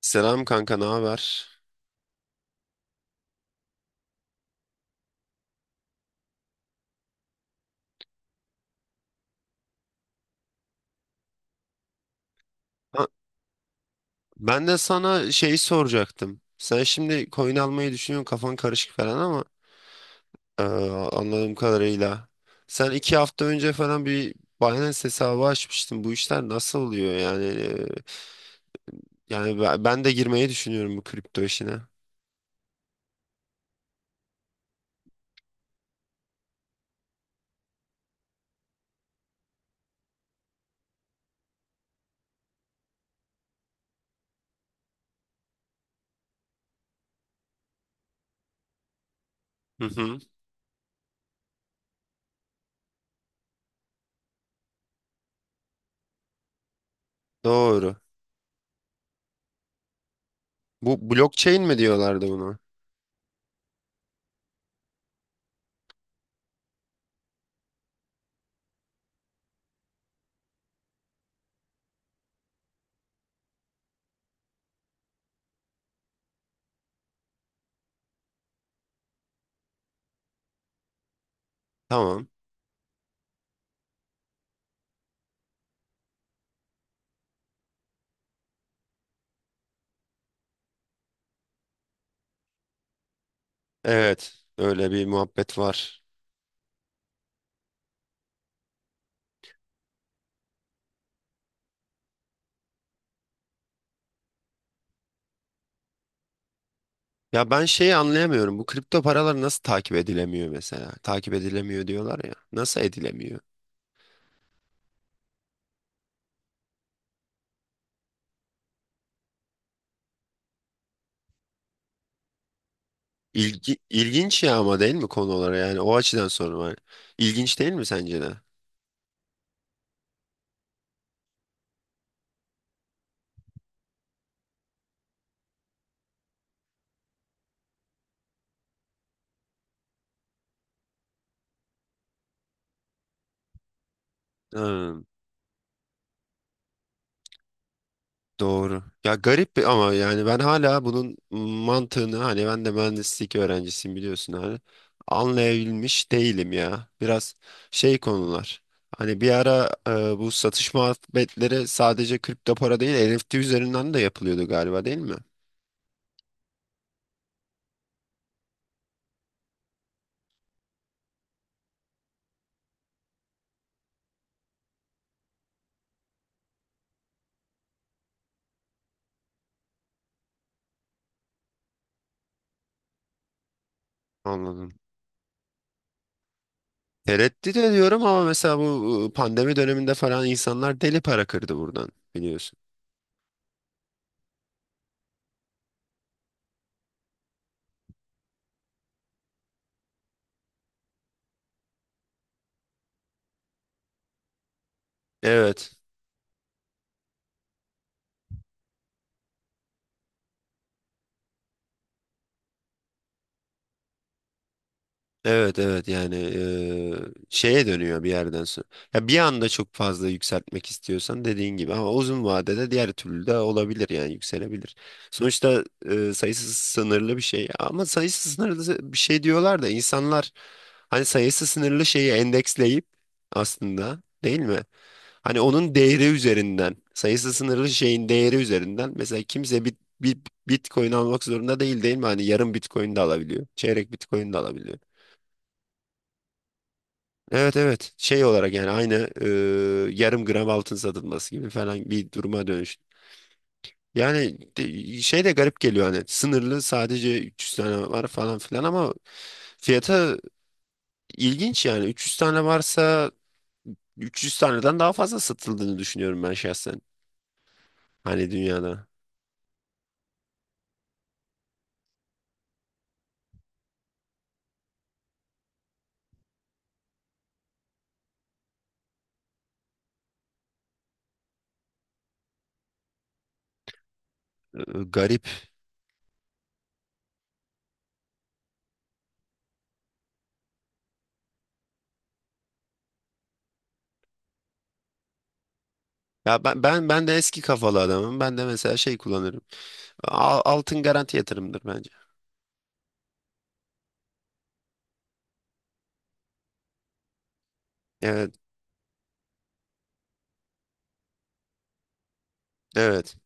Selam kanka, ne haber? Ha, ben de sana şeyi soracaktım. Sen şimdi coin almayı düşünüyorsun, kafan karışık falan ama eee, anladığım kadarıyla. Sen iki hafta önce falan bir Binance hesabı açmıştın. Bu işler nasıl oluyor yani? Yani ben de girmeyi düşünüyorum bu kripto işine. Hı hı. Doğru. Bu blockchain mi diyorlardı buna? Tamam. Evet. Öyle bir muhabbet var. Ya ben şeyi anlayamıyorum. Bu kripto paralar nasıl takip edilemiyor mesela? Takip edilemiyor diyorlar ya. Nasıl edilemiyor? İlginç ya ama değil mi konu olarak? Yani o açıdan sorun var. İlginç değil mi sence de? Hmm, doğru. Ya ama yani ben hala bunun mantığını, hani ben de mühendislik öğrencisiyim biliyorsun, hani anlayabilmiş değilim ya. Biraz şey konular. Hani bir ara e, bu satış muhabbetleri sadece kripto para değil NFT üzerinden de yapılıyordu galiba, değil mi? Anladım. Tereddüt ediyorum ama mesela bu e, pandemi döneminde falan insanlar deli para kırdı buradan biliyorsun. Evet. Evet, evet, yani şeye dönüyor bir yerden sonra. Ya bir anda çok fazla yükseltmek istiyorsan dediğin gibi, ama uzun vadede diğer türlü de olabilir yani yükselebilir. Sonuçta sayısı sınırlı bir şey, ama sayısı sınırlı bir şey diyorlar da insanlar hani sayısı sınırlı şeyi endeksleyip aslında değil mi? Hani onun değeri üzerinden, sayısı sınırlı şeyin değeri üzerinden, mesela kimse bir Bitcoin almak zorunda değil değil mi? Hani yarım Bitcoin de alabiliyor. Çeyrek Bitcoin de alabiliyor. Evet, evet, şey olarak yani aynı e, yarım gram altın satılması gibi falan bir duruma dönüş. Yani şey de garip geliyor hani sınırlı, sadece 300 tane var falan filan, ama fiyata ilginç yani 300 tane varsa 300 taneden daha fazla satıldığını düşünüyorum ben şahsen, hani dünyada. Ee, Garip. Ya ben de eski kafalı adamım. Ben de mesela şey kullanırım. Altın garanti yatırımdır bence. Evet, evet.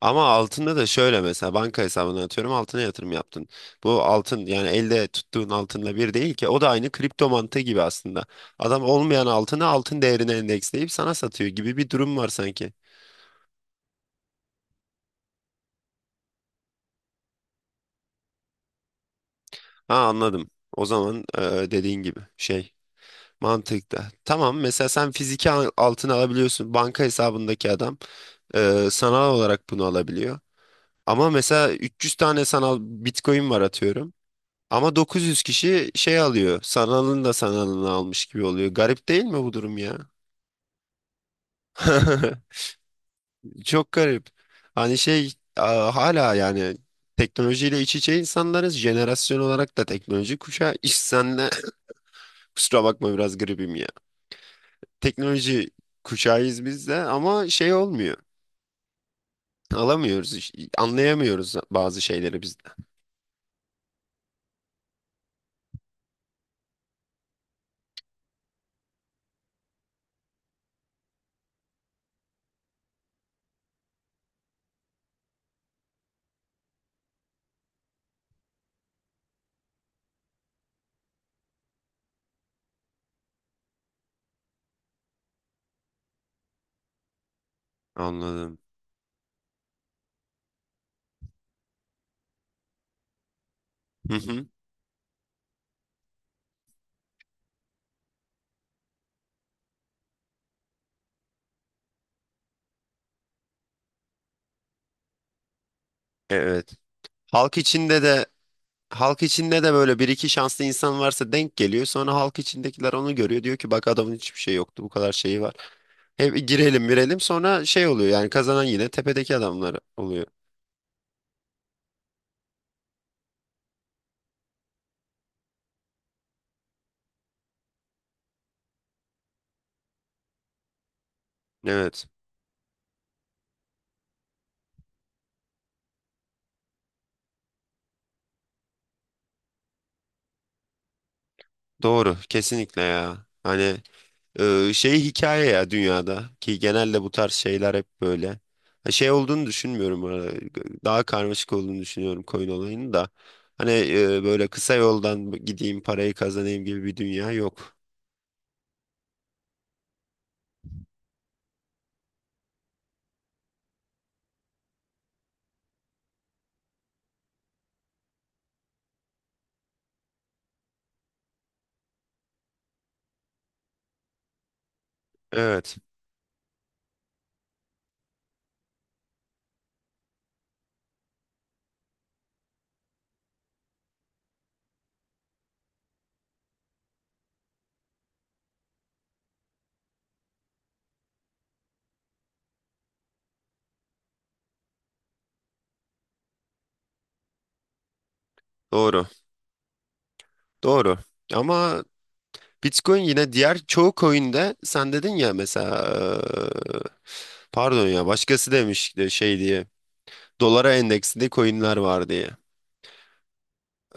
Ama altında da şöyle, mesela banka hesabına atıyorum, altına yatırım yaptın. Bu altın yani elde tuttuğun altınla bir değil ki, o da aynı kripto mantığı gibi aslında. Adam olmayan altını altın değerine endeksleyip sana satıyor gibi bir durum var sanki. Ha, anladım. O zaman e, dediğin gibi şey mantıkta. Tamam, mesela sen fiziki altın alabiliyorsun. Banka hesabındaki adam e, sanal olarak bunu alabiliyor. Ama mesela 300 tane sanal Bitcoin var atıyorum. Ama 900 kişi şey alıyor. Sanalın da sanalını almış gibi oluyor. Garip değil mi bu durum ya? Çok garip. Hani şey hala yani teknolojiyle iç içe insanlarız. Jenerasyon olarak da teknoloji kuşağı. İş senle kusura bakma, biraz gripim ya. Teknoloji kuşağıyız biz de ama şey olmuyor. Alamıyoruz. Anlayamıyoruz bazı şeyleri biz de. Anladım. Hı hı. Evet. Halk içinde de Halk içinde de böyle bir iki şanslı insan varsa denk geliyor. Sonra halk içindekiler onu görüyor. Diyor ki, bak adamın hiçbir şey yoktu, bu kadar şeyi var. Hep girelim, girelim, sonra şey oluyor yani kazanan yine tepedeki adamlar oluyor. Evet, doğru kesinlikle ya. Hani e, şey hikaye ya, dünyada ki genelde bu tarz şeyler hep böyle. Ha, şey olduğunu düşünmüyorum bu arada. Daha karmaşık olduğunu düşünüyorum koyun olayını da. Hani e, böyle kısa yoldan gideyim parayı kazanayım gibi bir dünya yok. Evet. Doğru. Doğru. Ama Bitcoin yine, diğer çoğu coin'de sen dedin ya mesela, eee, pardon ya, başkası demiş de şey diye, dolara endeksli coin'ler var diye.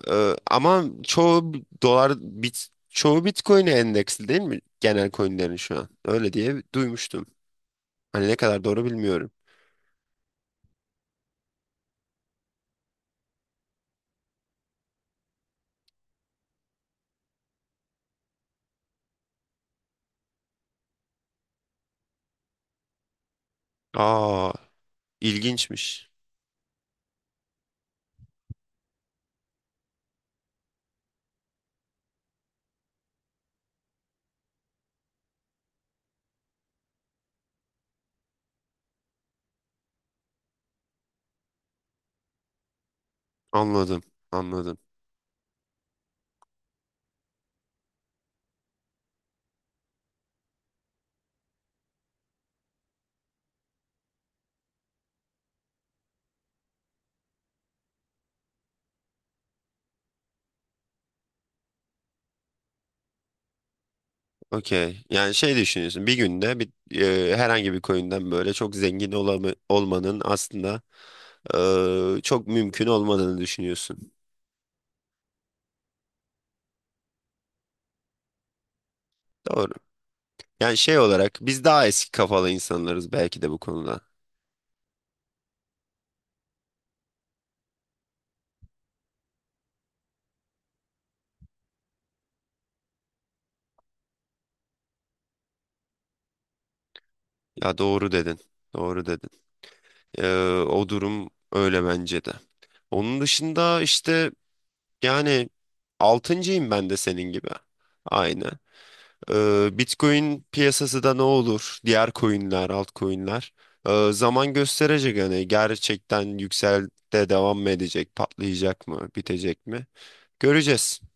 Ama çoğu dolar bit çoğu Bitcoin'e endeksli değil mi genel coin'lerin şu an? Öyle diye duymuştum. Hani ne kadar doğru bilmiyorum. Aa, ilginçmiş. Anladım. Anladım. Okey. Yani şey düşünüyorsun, bir günde bir, herhangi bir coin'den böyle çok olmanın aslında çok mümkün olmadığını düşünüyorsun. Doğru. Yani şey olarak biz daha eski kafalı insanlarız belki de bu konuda. Ya doğru dedin. Doğru dedin. Eee, o durum öyle bence de. Onun dışında işte yani altıncıyım ben de senin gibi. Aynı. Bitcoin piyasası da ne olur? Diğer coinler, altcoinler. Zaman gösterecek hani, gerçekten yükseldi, devam mı edecek, patlayacak mı, bitecek mi? Göreceğiz.